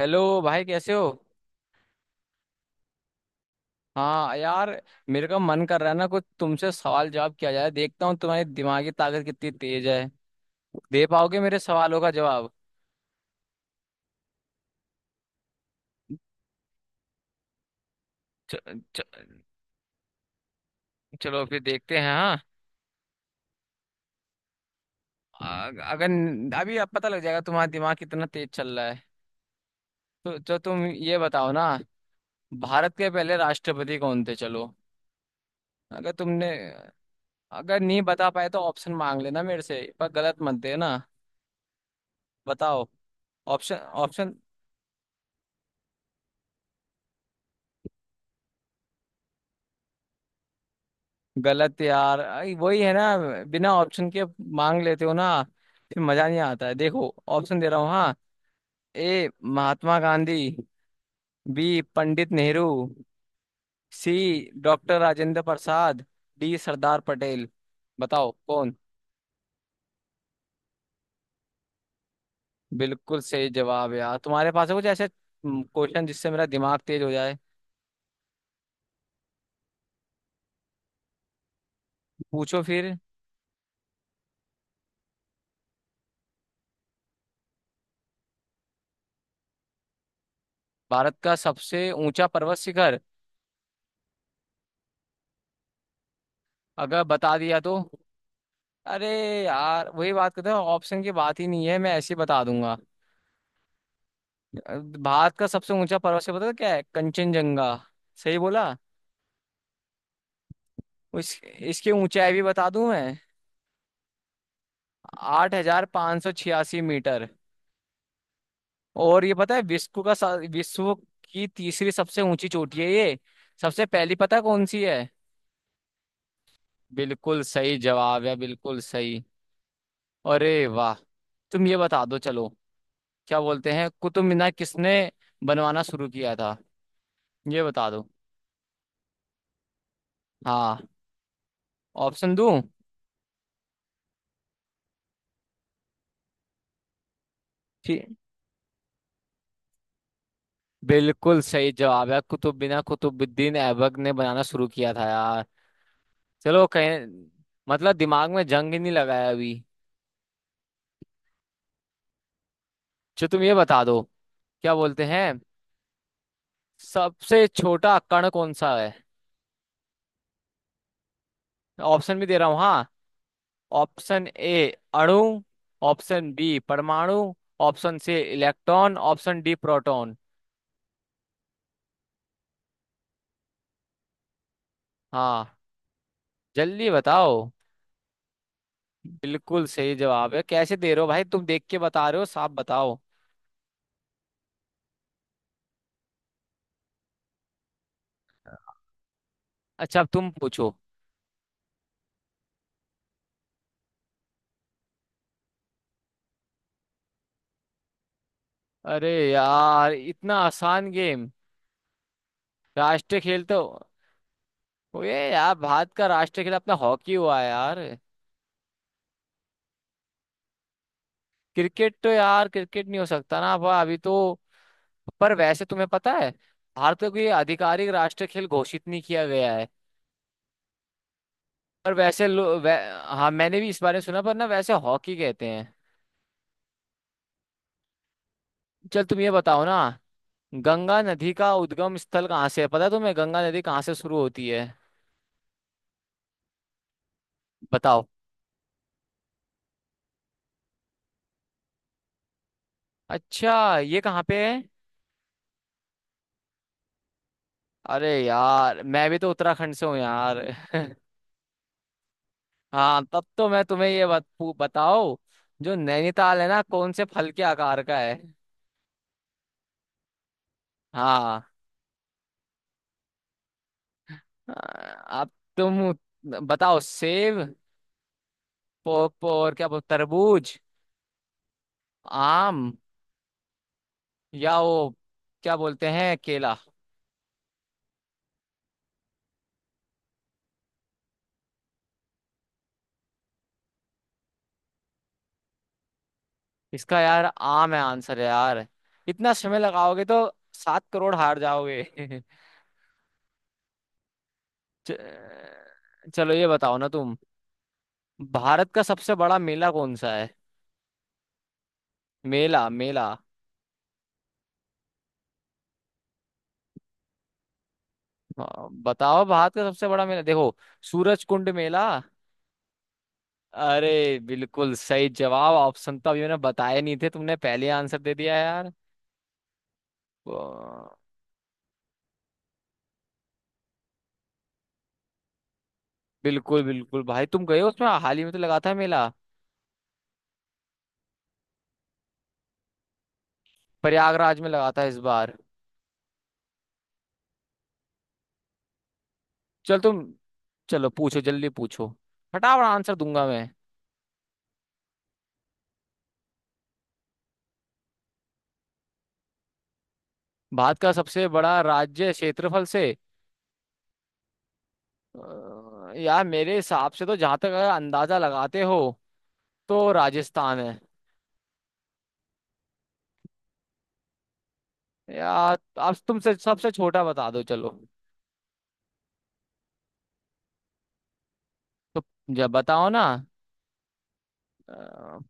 Hello भाई कैसे हो। हाँ यार, मेरे का मन कर रहा है ना कुछ तुमसे सवाल जवाब किया जाए, देखता हूँ तुम्हारी दिमागी ताकत कितनी तेज है। दे पाओगे मेरे सवालों का जवाब? च, च, चलो फिर देखते हैं। हाँ, अगर अभी अब पता लग जाएगा तुम्हारा दिमाग कितना तेज चल रहा है। तो जो तुम ये बताओ ना, भारत के पहले राष्ट्रपति कौन थे, चलो। अगर तुमने अगर नहीं बता पाए तो ऑप्शन मांग लेना मेरे से, पर गलत मत देना। बताओ। ऑप्शन? ऑप्शन? गलत यार। वही है ना, बिना ऑप्शन के मांग लेते हो ना, फिर मजा नहीं आता है। देखो ऑप्शन दे रहा हूँ, हाँ। A Mahatma Gandhi, B Pandit Nehru, C doctor Rajendra Prasad, D Sardar Patel. बताओ कौन। बिल्कुल सही जवाब यार। तुम्हारे पास है कुछ ऐसे क्वेश्चन जिससे मेरा दिमाग तेज हो जाए? पूछो फिर। भारत का सबसे ऊंचा पर्वत शिखर? अगर बता दिया तो? अरे यार, वही बात करते हो ऑप्शन की, बात ही नहीं है, मैं ऐसे ही बता दूंगा। भारत का सबसे ऊंचा पर्वत, से पता है क्या है? कंचनजंगा। सही बोला। इसकी ऊंचाई भी बता दूं मैं? 8,586 मीटर। और ये पता है, विश्व की तीसरी सबसे ऊंची चोटी है ये। सबसे पहली पता है कौन सी है? बिल्कुल सही जवाब है, बिल्कुल सही। अरे वाह। तुम ये बता दो चलो, क्या बोलते हैं, कुतुब मीनार किसने बनवाना शुरू किया था, ये बता दो। हाँ, ऑप्शन दूं? बिल्कुल सही जवाब है, कुतुबुद्दीन कुतुबुद्दीन ऐबक ने बनाना शुरू किया था यार। चलो कहीं, मतलब दिमाग में जंग ही नहीं लगाया अभी। जो तुम ये बता दो, क्या बोलते हैं, सबसे छोटा कण कौन सा है? ऑप्शन भी दे रहा हूँ, हाँ। ऑप्शन ए अणु, ऑप्शन बी परमाणु, option C electron, option D proton. हाँ, जल्दी बताओ। बिल्कुल सही जवाब है। कैसे दे रहे हो भाई, तुम देख के बता रहे हो? साफ बताओ। अच्छा, अब तुम पूछो। अरे यार, इतना आसान गेम? राष्ट्रीय खेल तो वो ये यार, भारत का राष्ट्रीय खेल अपना हॉकी हुआ है यार। क्रिकेट तो यार, क्रिकेट नहीं हो सकता ना अब, अभी तो। पर वैसे तुम्हें पता है, भारत को ये आधिकारिक राष्ट्रीय खेल घोषित नहीं किया गया है। पर वैसे हाँ मैंने भी इस बारे में सुना, पर ना वैसे हॉकी कहते हैं। चल तुम ये बताओ ना, गंगा नदी का उद्गम स्थल कहाँ से है, पता है तुम्हें, गंगा नदी कहाँ से शुरू होती है? बताओ। अच्छा, ये कहाँ पे है? अरे यार, मैं भी तो उत्तराखंड से हूँ यार हाँ, तब तो मैं तुम्हें ये बताओ, जो नैनीताल है ना, कौन से फल के आकार का है? हाँ। आ, अब तुम बताओ, सेब, पो, पो, और क्या बोल, तरबूज, आम, या वो क्या बोलते हैं, केला। इसका यार आम है, आंसर है यार। इतना समय लगाओगे तो 7 करोड़ हार जाओगे च- चलो ये बताओ ना तुम, भारत का सबसे बड़ा मेला कौन सा है? मेला मेला। हाँ, बताओ, भारत का सबसे बड़ा मेला, देखो सूरज कुंड मेला। अरे बिल्कुल सही जवाब। ऑप्शन तो अभी मैंने बताए नहीं थे, तुमने पहले आंसर दे दिया यार। वाह, बिल्कुल बिल्कुल। भाई तुम गए हो उसमें, हाल ही में तो लगा था मेला। प्रयागराज में लगा था इस बार। चल तुम, चलो पूछो, जल्दी पूछो, फटाफट आंसर दूंगा मैं। भारत का सबसे बड़ा राज्य, क्षेत्रफल से? यार मेरे हिसाब से तो, जहां तक अगर अंदाजा लगाते हो, तो राजस्थान है। यार अब तुमसे, सबसे छोटा बता दो चलो। तो जब बताओ ना,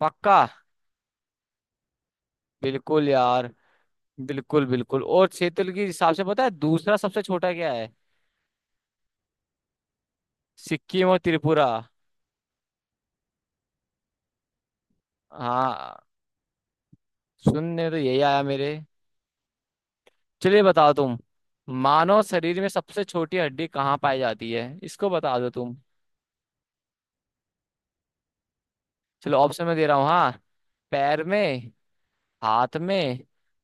पक्का? बिल्कुल यार, बिल्कुल बिल्कुल। और क्षेत्र के हिसाब से पता है दूसरा सबसे छोटा क्या है? सिक्किम और त्रिपुरा। हाँ, सुनने में तो यही आया मेरे। चलिए बताओ तुम। मानव शरीर में सबसे छोटी हड्डी कहाँ पाई जाती है, इसको बता दो तुम। चलो ऑप्शन में दे रहा हूँ, हाँ। पैर में, हाथ में,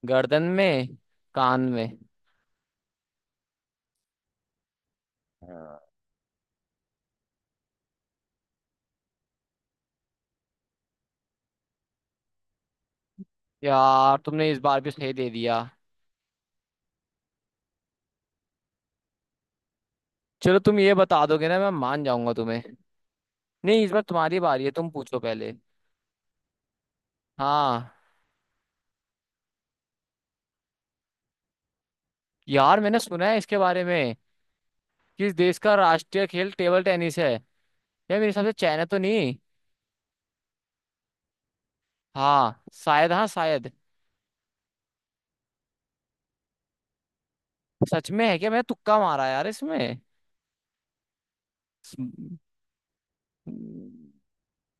गर्दन में, कान में। हाँ, यार तुमने इस बार भी सही दे दिया। चलो तुम ये बता दोगे ना, मैं मान जाऊंगा तुम्हें। नहीं, इस बार तुम्हारी बारी है, तुम पूछो पहले। हाँ, यार मैंने सुना है इसके बारे में कि इस देश का राष्ट्रीय खेल टेबल टेनिस है यार। मेरे हिसाब से चाइना तो नहीं? हाँ शायद, हाँ शायद। सच में है क्या? मैंने तुक्का मारा यार इसमें।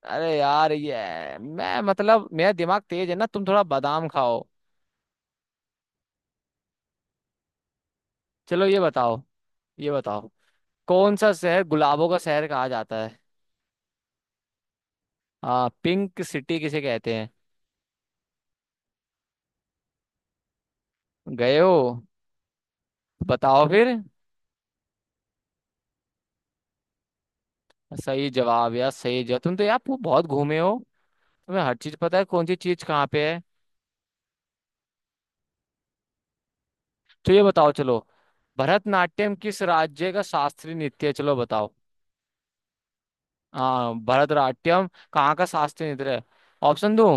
अरे यार ये मैं, मतलब मेरा दिमाग तेज है ना, तुम थोड़ा बादाम खाओ। चलो ये बताओ, ये बताओ, कौन सा शहर गुलाबों का शहर कहा जाता है? हाँ, पिंक सिटी किसे कहते हैं? गए हो? बताओ फिर। सही जवाब यार, सही जवाब। तुम तो यार पू- बहुत घूमे हो तुम्हें, हर चीज पता है कौन सी चीज कहाँ पे है। तो ये बताओ चलो, भरतनाट्यम किस राज्य का शास्त्रीय नृत्य है, चलो बताओ। हाँ, भरतनाट्यम कहाँ का शास्त्रीय नृत्य है? ऑप्शन दो?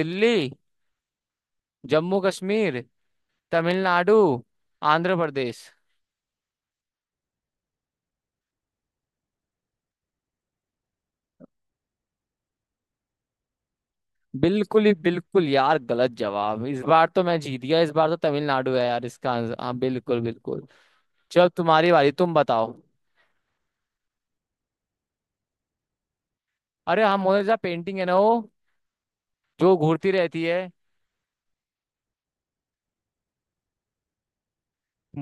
दिल्ली, जम्मू कश्मीर, तमिलनाडु, आंध्र प्रदेश। बिल्कुल ही बिल्कुल यार, गलत जवाब। इस बार तो मैं जीत गया, इस बार तो तमिलनाडु है यार इसका आंसर, हाँ बिल्कुल बिल्कुल। चलो तुम्हारी बारी, तुम बताओ। अरे हम, मोनालिसा पेंटिंग है ना वो, जो घूरती रहती है।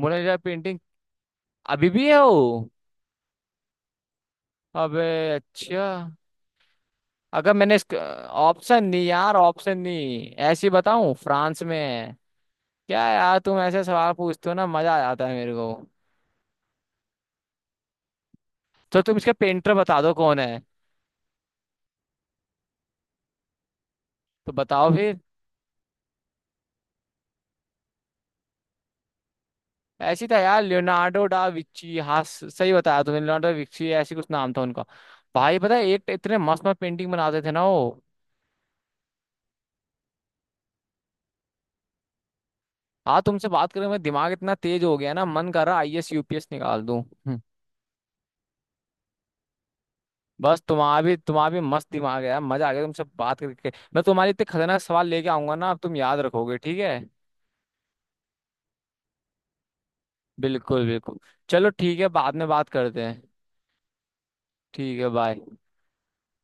मोनालिसा पेंटिंग अभी भी है वो। अबे अच्छा, अगर मैंने ऑप्शन नहीं, यार ऑप्शन नहीं ऐसी बताऊं, फ्रांस में है। क्या यार तुम ऐसे सवाल पूछते हो ना, मजा आ जाता है मेरे को। तो तुम इसका पेंटर बता दो, कौन है? तो बताओ फिर। ऐसी था यार लियोनार्डो डा विची, हाँ सही बताया तुमने, लियोनार्डो विची ऐसी कुछ नाम था उनका। भाई पता है, एक इतने मस्त मस्त पेंटिंग बनाते थे ना वो। हाँ तुमसे बात करें, मैं दिमाग इतना तेज हो गया ना, मन कर रहा आईएएस यूपीएस निकाल दूं। बस तुम्हारा भी, तुम्हारा भी मस्त दिमाग है यार, मजा आ गया तुमसे बात करके। मैं तुम्हारे इतने खतरनाक सवाल लेके आऊंगा ना, अब तुम याद रखोगे, ठीक है? बिल्कुल बिल्कुल। चलो ठीक है, बाद में बात करते हैं। ठीक है बाय।